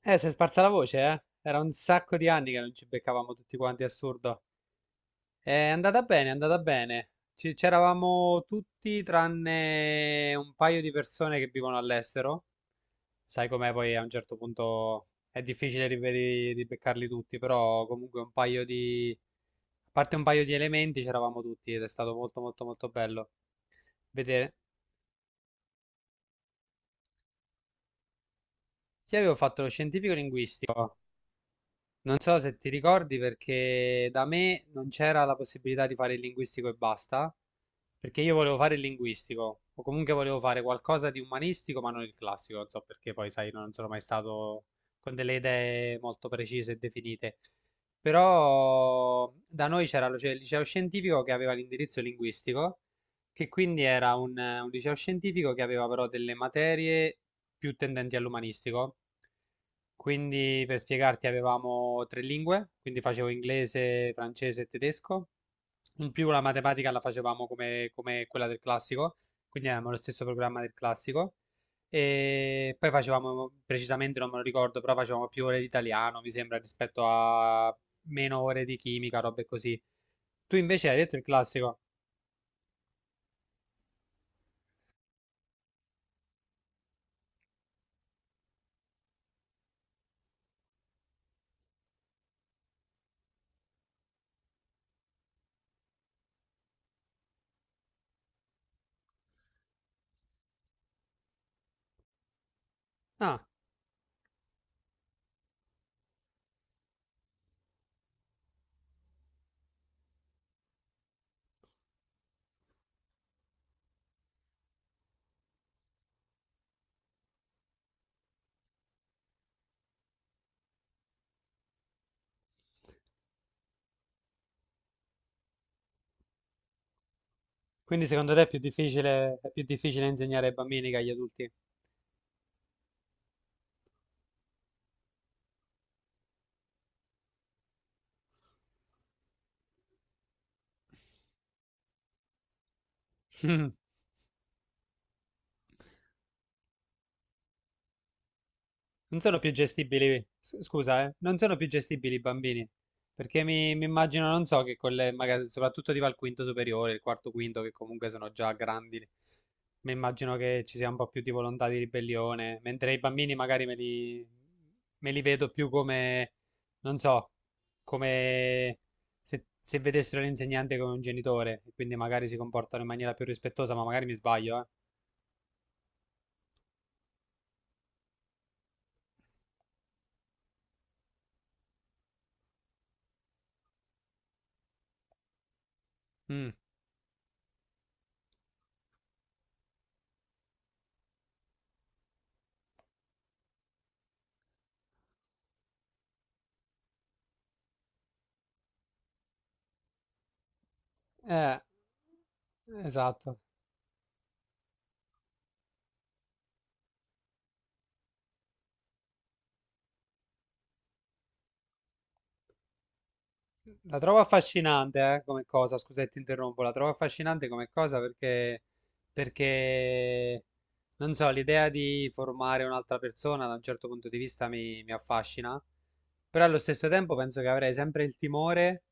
Si è sparsa la voce, eh? Era un sacco di anni che non ci beccavamo tutti quanti, assurdo. È andata bene, è andata bene. C'eravamo tutti tranne un paio di persone che vivono all'estero. Sai com'è poi a un certo punto è difficile di beccarli tutti, però comunque un paio di... A parte un paio di elementi c'eravamo tutti ed è stato molto molto molto bello vedere. Io avevo fatto lo scientifico linguistico. Non so se ti ricordi perché da me non c'era la possibilità di fare il linguistico e basta, perché io volevo fare il linguistico o comunque volevo fare qualcosa di umanistico ma non il classico, non so perché poi sai, non sono mai stato con delle idee molto precise e definite. Però da noi c'era cioè, il liceo scientifico che aveva l'indirizzo linguistico, che quindi era un liceo scientifico che aveva però delle materie più tendenti all'umanistico. Quindi per spiegarti avevamo tre lingue, quindi facevo inglese, francese e tedesco. In più la matematica la facevamo come quella del classico, quindi avevamo lo stesso programma del classico. E poi facevamo, precisamente non me lo ricordo, però facevamo più ore di italiano, mi sembra, rispetto a meno ore di chimica, robe così. Tu invece hai detto il classico. Ah, quindi secondo te è più difficile insegnare ai bambini che agli adulti? Non sono più gestibili, scusa, non sono più gestibili i bambini, perché mi immagino, non so, che con le, magari, soprattutto tipo al quinto superiore, il quarto quinto, che comunque sono già grandi, mi immagino che ci sia un po' più di volontà di ribellione, mentre i bambini magari me li vedo più come, non so, come se vedessero l'insegnante come un genitore, e quindi magari si comportano in maniera più rispettosa, ma magari mi sbaglio, eh. Mm. Eh, esatto. La trovo affascinante, come cosa, scusa se ti interrompo, la trovo affascinante come cosa perché, perché, non so, l'idea di formare un'altra persona da un certo punto di vista mi affascina, però allo stesso tempo penso che avrei sempre il timore,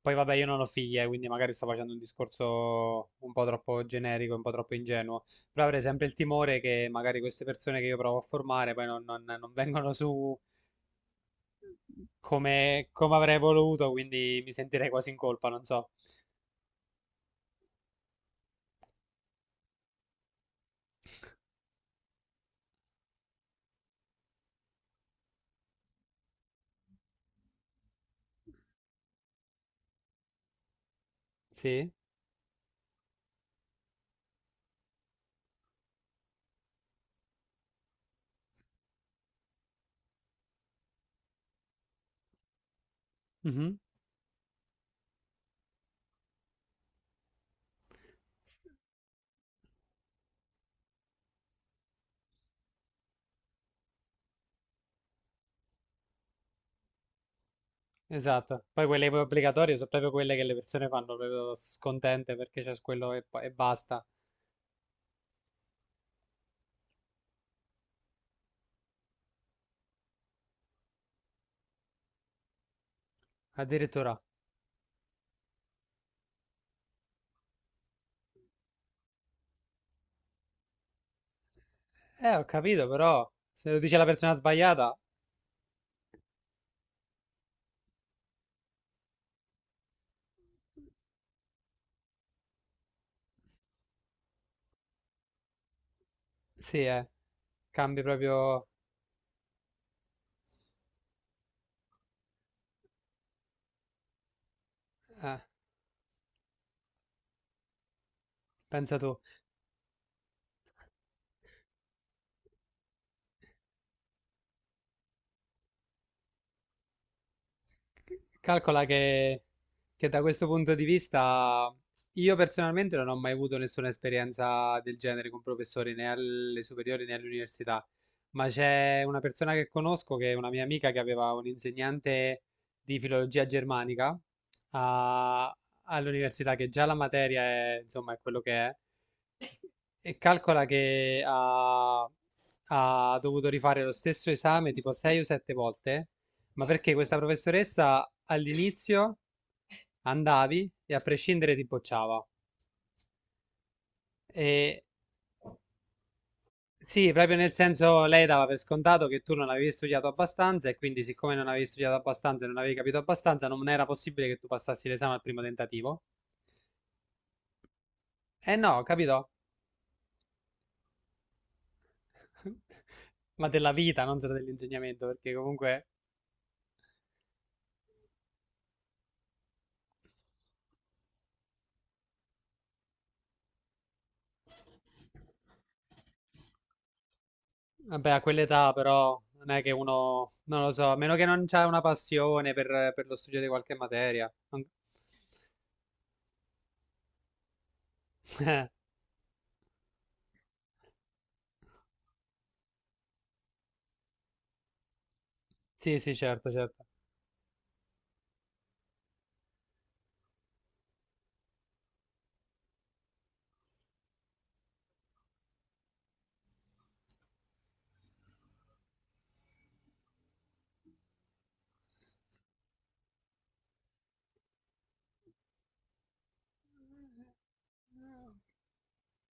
poi vabbè io non ho figlie, quindi magari sto facendo un discorso un po' troppo generico, un po' troppo ingenuo, però avrei sempre il timore che magari queste persone che io provo a formare poi non vengono su come, come avrei voluto, quindi mi sentirei quasi in colpa, non so. Sì, Mhm. s- esatto. Poi quelle obbligatorie sono proprio quelle che le persone fanno proprio scontente perché c'è quello e basta. Addirittura. Ho capito, però se lo dice la persona sbagliata, sì, cambi proprio... Eh, pensa tu. Calcola che da questo punto di vista io personalmente non ho mai avuto nessuna esperienza del genere con professori né alle superiori né all'università, ma c'è una persona che conosco che è una mia amica che aveva un insegnante di filologia germanica a- all'università che già la materia è, insomma, è quello che è e calcola che ha, ha dovuto rifare lo stesso esame tipo 6 o 7 volte, ma perché questa professoressa all'inizio andavi e a prescindere ti bocciava. E sì, proprio nel senso lei dava per scontato che tu non avevi studiato abbastanza e quindi siccome non avevi studiato abbastanza e non avevi capito abbastanza, non era possibile che tu passassi l'esame al primo tentativo. Eh no, capito? Ma della vita, non solo dell'insegnamento, perché comunque... Vabbè, a quell'età però non è che uno, non lo so, a meno che non c'è una passione per lo studio di qualche materia. Sì, sì, certo, certo.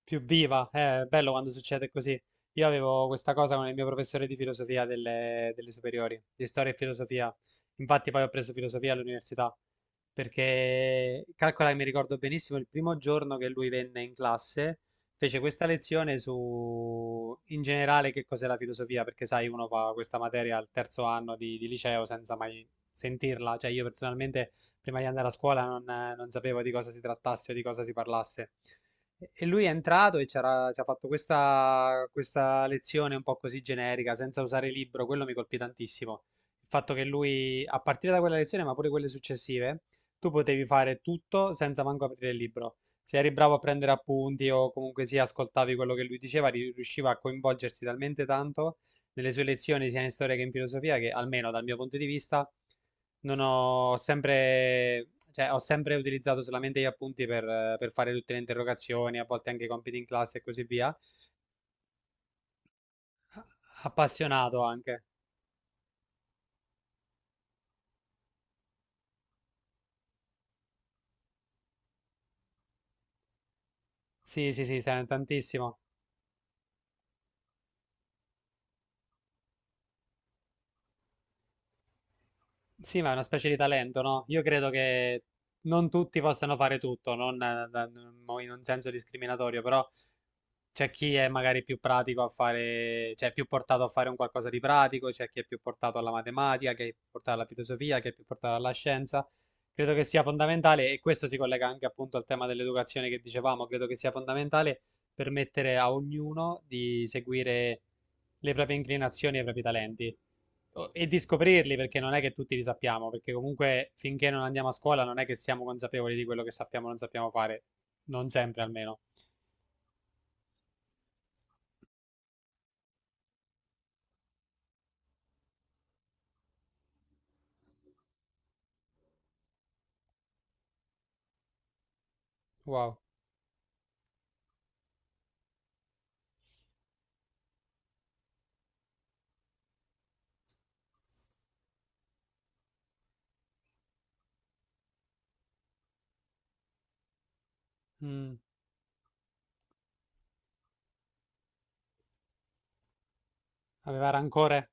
Più viva. È bello quando succede così. Io avevo questa cosa con il mio professore di filosofia delle, delle superiori, di storia e filosofia. Infatti poi ho preso filosofia all'università, perché calcola che mi ricordo benissimo il primo giorno che lui venne in classe, fece questa lezione su in generale che cos'è la filosofia, perché sai, uno fa questa materia al terzo anno di liceo senza mai sentirla. Cioè io personalmente prima di andare a scuola non sapevo di cosa si trattasse o di cosa si parlasse. E lui è entrato e ci ha fatto questa, questa lezione un po' così generica, senza usare il libro, quello mi colpì tantissimo. Il fatto che lui, a partire da quella lezione, ma pure quelle successive, tu potevi fare tutto senza manco aprire il libro. Se eri bravo a prendere appunti o comunque sia ascoltavi quello che lui diceva, riusciva a coinvolgersi talmente tanto nelle sue lezioni, sia in storia che in filosofia, che almeno dal mio punto di vista non ho sempre, cioè, ho sempre utilizzato solamente gli appunti per, per fare tutte le interrogazioni, a volte anche i compiti in classe e così via. Appassionato anche. Sì, sì, sì, sai, tantissimo. Sì, ma è una specie di talento, no? Io credo che non tutti possano fare tutto, non in un senso discriminatorio, però c'è chi è magari più pratico a fare, cioè più portato a fare un qualcosa di pratico, c'è chi è più portato alla matematica, chi è più portato alla filosofia, chi è più portato alla scienza. Credo che sia fondamentale, e questo si collega anche appunto al tema dell'educazione che dicevamo, credo che sia fondamentale permettere a ognuno di seguire le proprie inclinazioni e i propri talenti e di scoprirli perché non è che tutti li sappiamo, perché comunque finché non andiamo a scuola non è che siamo consapevoli di quello che sappiamo o non sappiamo fare, non sempre almeno. Wow. Mm. Aveva rancore.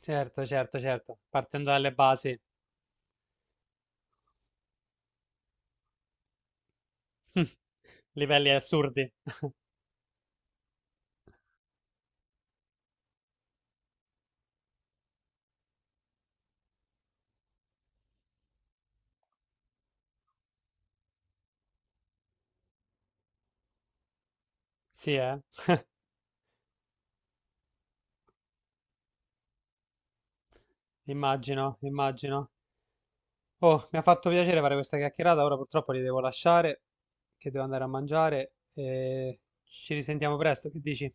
Certo, certo, certo. Partendo dalle basi. Livelli assurdi. Sì, eh. Immagino, immagino. Oh, mi ha fatto piacere fare questa chiacchierata. Ora purtroppo li devo lasciare, che devo andare a mangiare. E ci risentiamo presto. Che dici?